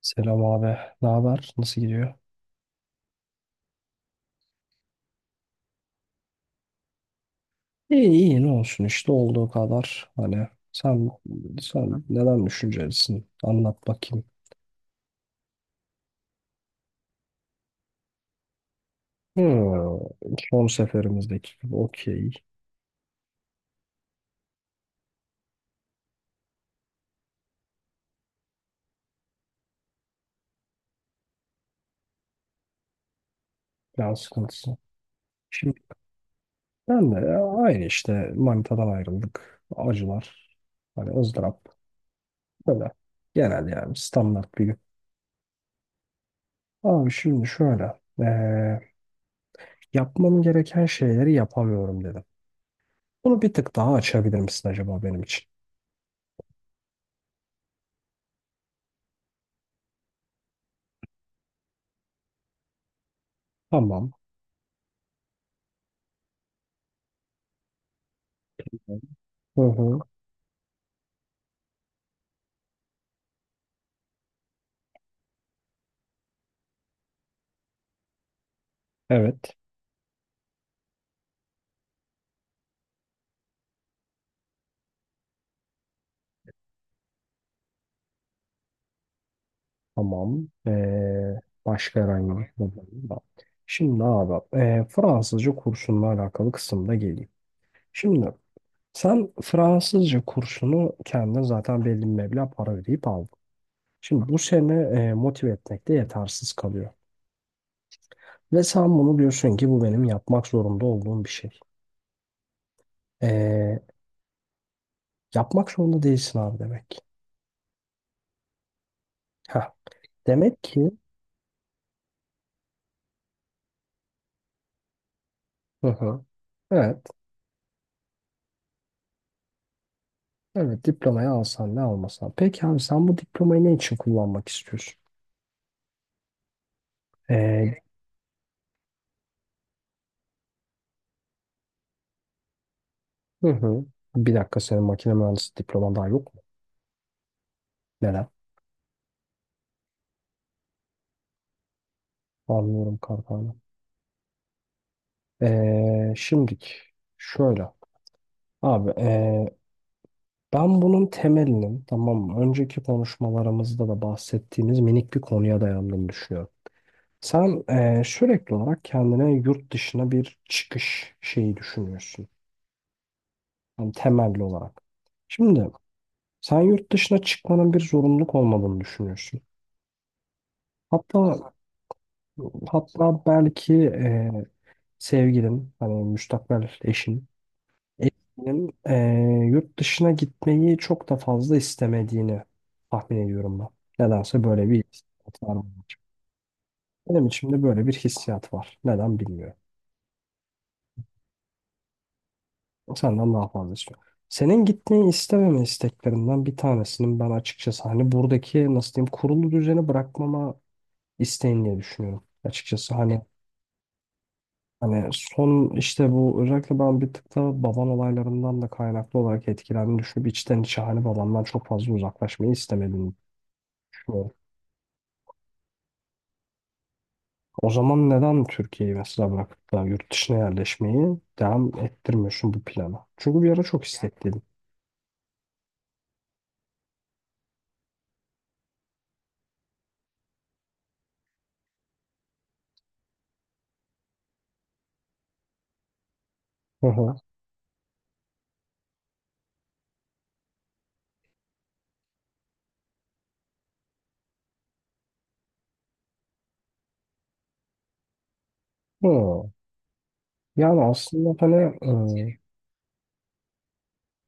Selam abi. Ne haber? Nasıl gidiyor? İyi iyi ne olsun işte olduğu kadar. Hani sen neden düşüncelisin? Anlat bakayım. Hmm. Son seferimizdeki gibi okey. Can sıkıntısı. Şimdi ben de ya aynı işte manitadan ayrıldık. Acılar. Hani ızdırap. Böyle. Genel yani standart bir gün. Abi şimdi şöyle. Yapmam gereken şeyleri yapamıyorum dedim. Bunu bir tık daha açabilir misin acaba benim için? Tamam. Hı hı. Evet. Tamam. Başka herhangi bir problem var? Şimdi abi Fransızca kursunla alakalı kısımda geleyim. Şimdi sen Fransızca kursunu kendine zaten belli bir meblağ para ödeyip aldın. Şimdi bu seni motive etmekte yetersiz kalıyor. Ve sen bunu diyorsun ki bu benim yapmak zorunda olduğum bir şey. Ee, yapmak zorunda değilsin abi demek. Heh. Demek ki. Hı hı. Evet. Evet, diplomayı alsan ne almasan. Peki abi sen bu diplomayı ne için kullanmak istiyorsun? Ee, hı hı. Bir dakika, senin makine mühendisi diploman daha yok mu? Neden? Anlıyorum kankana. Şimdik şöyle. Abi ben bunun temelinin, tamam mı, önceki konuşmalarımızda da bahsettiğimiz minik bir konuya dayandığını düşünüyorum. Sen sürekli olarak kendine yurt dışına bir çıkış şeyi düşünüyorsun. Yani temelli olarak. Şimdi sen yurt dışına çıkmanın bir zorunluluk olmadığını düşünüyorsun. Hatta belki sevgilin, hani müstakbel eşinin yurt dışına gitmeyi çok da fazla istemediğini tahmin ediyorum ben. Nedense böyle bir hissiyat var benim için. Benim içimde böyle bir hissiyat var. Neden bilmiyorum. Senden daha fazla istiyorum. Senin gitmeyi istememe isteklerinden bir tanesinin ben açıkçası hani buradaki, nasıl diyeyim, kurulu düzeni bırakmama isteğini diye düşünüyorum. Açıkçası hani. Hani son işte bu özellikle ben bir tık da baban olaylarından da kaynaklı olarak etkilendiğini düşünüp içten içe hani babandan çok fazla uzaklaşmayı istemediğini düşünüyorum. O zaman neden Türkiye'yi mesela bırakıp da yurt dışına yerleşmeyi devam ettirmiyorsun bu plana? Çünkü bir ara çok istekliydin. Hı hı. Hı. Yani aslında hani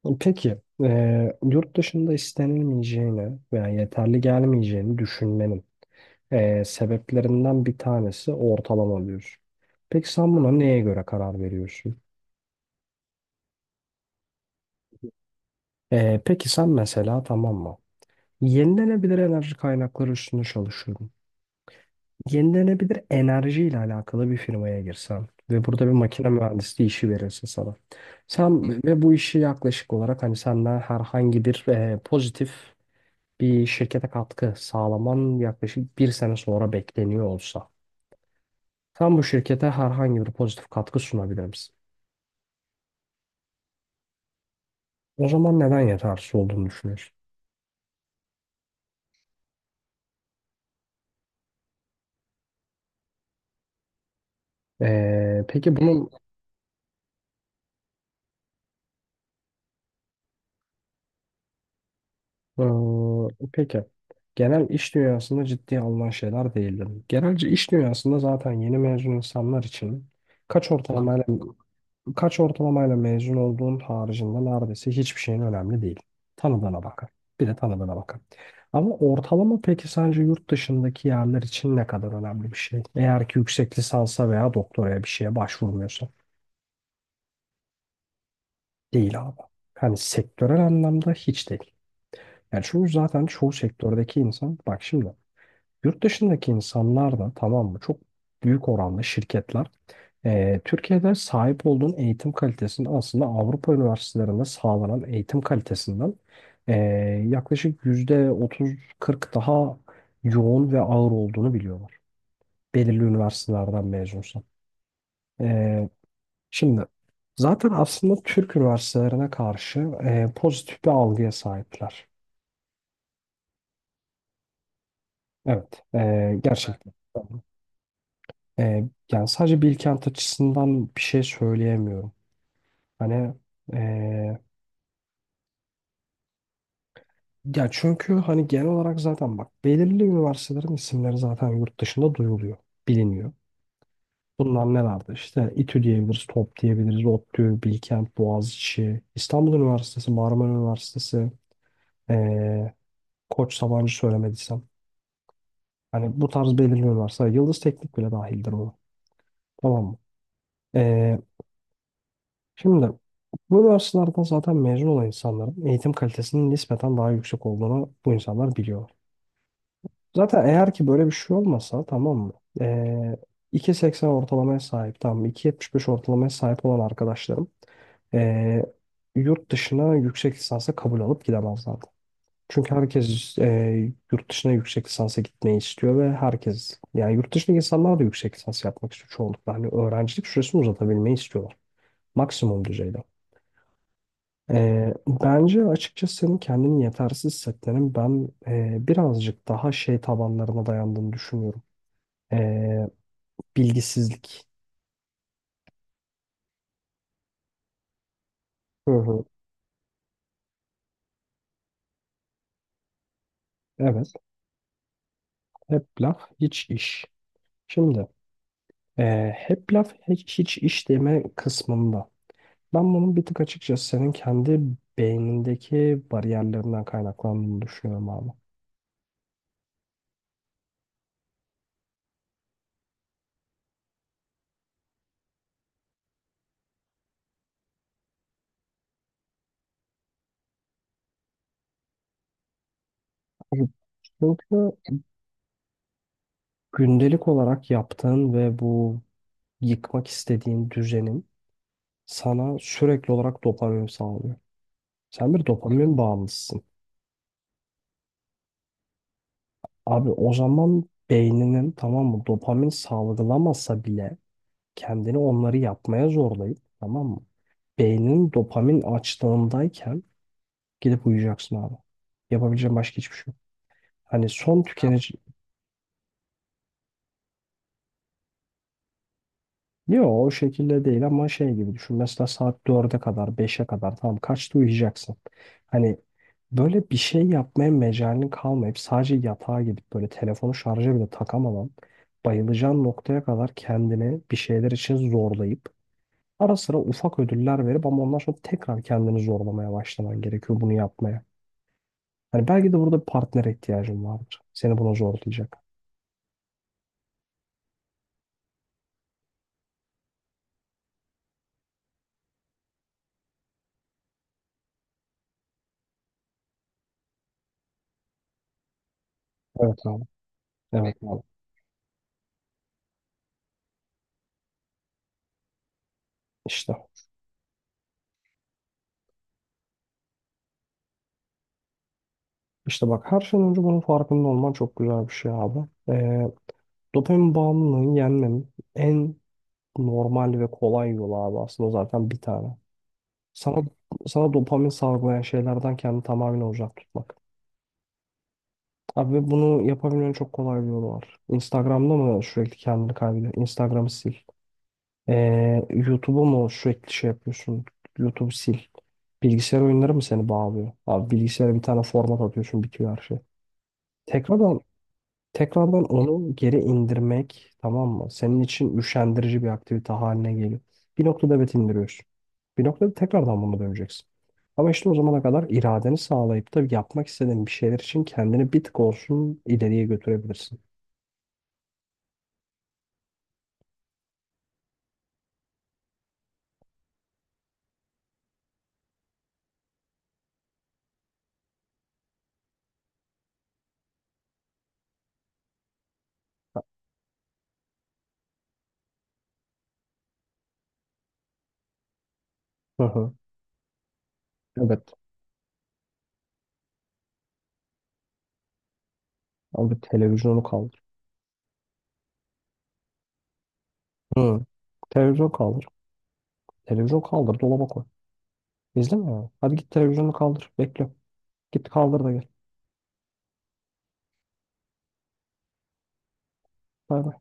peki yurt dışında istenilmeyeceğini veya yeterli gelmeyeceğini düşünmenin sebeplerinden bir tanesi ortalama diyor. Peki sen buna neye göre karar veriyorsun? Peki sen mesela tamam mı? Yenilenebilir enerji kaynakları üstünde çalışıyorum. Yenilenebilir enerji ile alakalı bir firmaya girsen ve burada bir makine mühendisliği işi verilse sana. Sen ve bu işi yaklaşık olarak hani senden herhangi bir pozitif bir şirkete katkı sağlaman yaklaşık bir sene sonra bekleniyor olsa. Sen bu şirkete herhangi bir pozitif katkı sunabilir misin? O zaman neden yetersiz olduğunu düşünüyorsun? Peki bunun peki genel iş dünyasında ciddiye alınan şeyler değildir. Genelce iş dünyasında zaten yeni mezun insanlar için kaç ortalamayla kaç ortalamayla mezun olduğun haricinde neredeyse hiçbir şeyin önemli değil. Tanıdığına bakar. Bir de tanıdığına bakar. Ama ortalama peki sence yurt dışındaki yerler için ne kadar önemli bir şey? Eğer ki yüksek lisansa veya doktoraya bir şeye başvurmuyorsa. Değil abi. Hani sektörel anlamda hiç değil. Yani çünkü zaten çoğu sektördeki insan, bak şimdi, yurt dışındaki insanlar da, tamam mı, çok büyük oranda şirketler, Türkiye'de sahip olduğun eğitim kalitesinin aslında Avrupa üniversitelerinde sağlanan eğitim kalitesinden eee, yaklaşık %30-40 daha yoğun ve ağır olduğunu biliyorlar. Belirli üniversitelerden mezunsan. Şimdi zaten aslında Türk üniversitelerine karşı pozitif bir algıya sahipler. Evet, gerçekten. E, yani sadece Bilkent açısından bir şey söyleyemiyorum. Hani e, ya çünkü hani genel olarak zaten bak belirli üniversitelerin isimleri zaten yurt dışında duyuluyor, biliniyor. Bunlar nelerdi? İşte İTÜ diyebiliriz, TOP diyebiliriz, ODTÜ, Bilkent, Boğaziçi, İstanbul Üniversitesi, Marmara Üniversitesi, e, Koç, Sabancı söylemediysem. Hani bu tarz belirliyorlarsa Yıldız Teknik bile dahildir bu. Tamam mı? Ee, şimdi bu üniversitelerden zaten mezun olan insanların eğitim kalitesinin nispeten daha yüksek olduğunu bu insanlar biliyor. Zaten eğer ki böyle bir şey olmasa, tamam mı, Ee, 2.80 ortalamaya sahip, tamam mı, 2.75 ortalamaya sahip olan arkadaşlarım ee, yurt dışına yüksek lisansa kabul alıp gidemezler. Çünkü herkes yurt dışına yüksek lisansa gitmeyi istiyor ve herkes, yani yurt dışındaki insanlar da, yüksek lisans yapmak istiyor çoğunlukla. Hani öğrencilik süresini uzatabilmeyi istiyorlar. Maksimum düzeyde. Bence açıkçası senin kendini yetersiz hissetmenin ben birazcık daha şey tabanlarına dayandığını düşünüyorum. E, bilgisizlik. Hı hı. Evet. Hep laf, hiç iş. Şimdi hep laf, hiç iş deme kısmında. Ben bunun bir tık açıkçası senin kendi beynindeki bariyerlerinden kaynaklandığını düşünüyorum abi. Abi, çünkü gündelik olarak yaptığın ve bu yıkmak istediğin düzenin sana sürekli olarak dopamin sağlıyor. Sen bir dopamin bağımlısısın. Abi, o zaman beyninin, tamam mı, dopamin salgılamasa bile kendini onları yapmaya zorlayıp tamam mı? Beyninin dopamin açtığındayken gidip uyuyacaksın abi. Yapabileceğin başka hiçbir şey. Hani son. Tamam. Tüketici. Yok, o şekilde değil ama şey gibi düşün. Mesela saat dörde kadar, beşe kadar, tamam, kaçta uyuyacaksın? Hani böyle bir şey yapmaya mecalin kalmayıp sadece yatağa gidip böyle telefonu şarja bile takamadan bayılacağın noktaya kadar kendini bir şeyler için zorlayıp ara sıra ufak ödüller verip ama ondan sonra tekrar kendini zorlamaya başlaman gerekiyor bunu yapmaya. Hani belki de burada bir partnere ihtiyacın vardır. Seni buna zorlayacak. Evet abi. Evet abi. İşte. İşte bak, her şeyden önce bunun farkında olman çok güzel bir şey abi. Ee, dopamin bağımlılığını yenmenin en normal ve kolay yolu abi aslında zaten bir tane. Sana sana dopamin salgılayan şeylerden kendini tamamen uzak tutmak. Abi ve bunu yapabilmenin çok kolay bir yolu var. Instagram'da mı sürekli kendini kaybediyorsun? Instagram'ı sil. YouTube'u mu sürekli şey yapıyorsun? YouTube'u sil. Bilgisayar oyunları mı seni bağlıyor? Abi bilgisayara bir tane format atıyorsun, bitiyor her şey. Tekrar Tekrardan onu geri indirmek, tamam mı, senin için üşendirici bir aktivite haline geliyor. Bir noktada evet indiriyorsun. Bir noktada tekrardan buna döneceksin. Ama işte o zamana kadar iradeni sağlayıp da yapmak istediğin bir şeyler için kendini bir tık olsun ileriye götürebilirsin. Hı hı. Evet. Abi televizyonu kaldır. Hı. Televizyon kaldır. Televizyon kaldır. Dolaba koy. İzleme ya. Hadi git televizyonu kaldır. Bekle. Git kaldır da gel. Bay bay.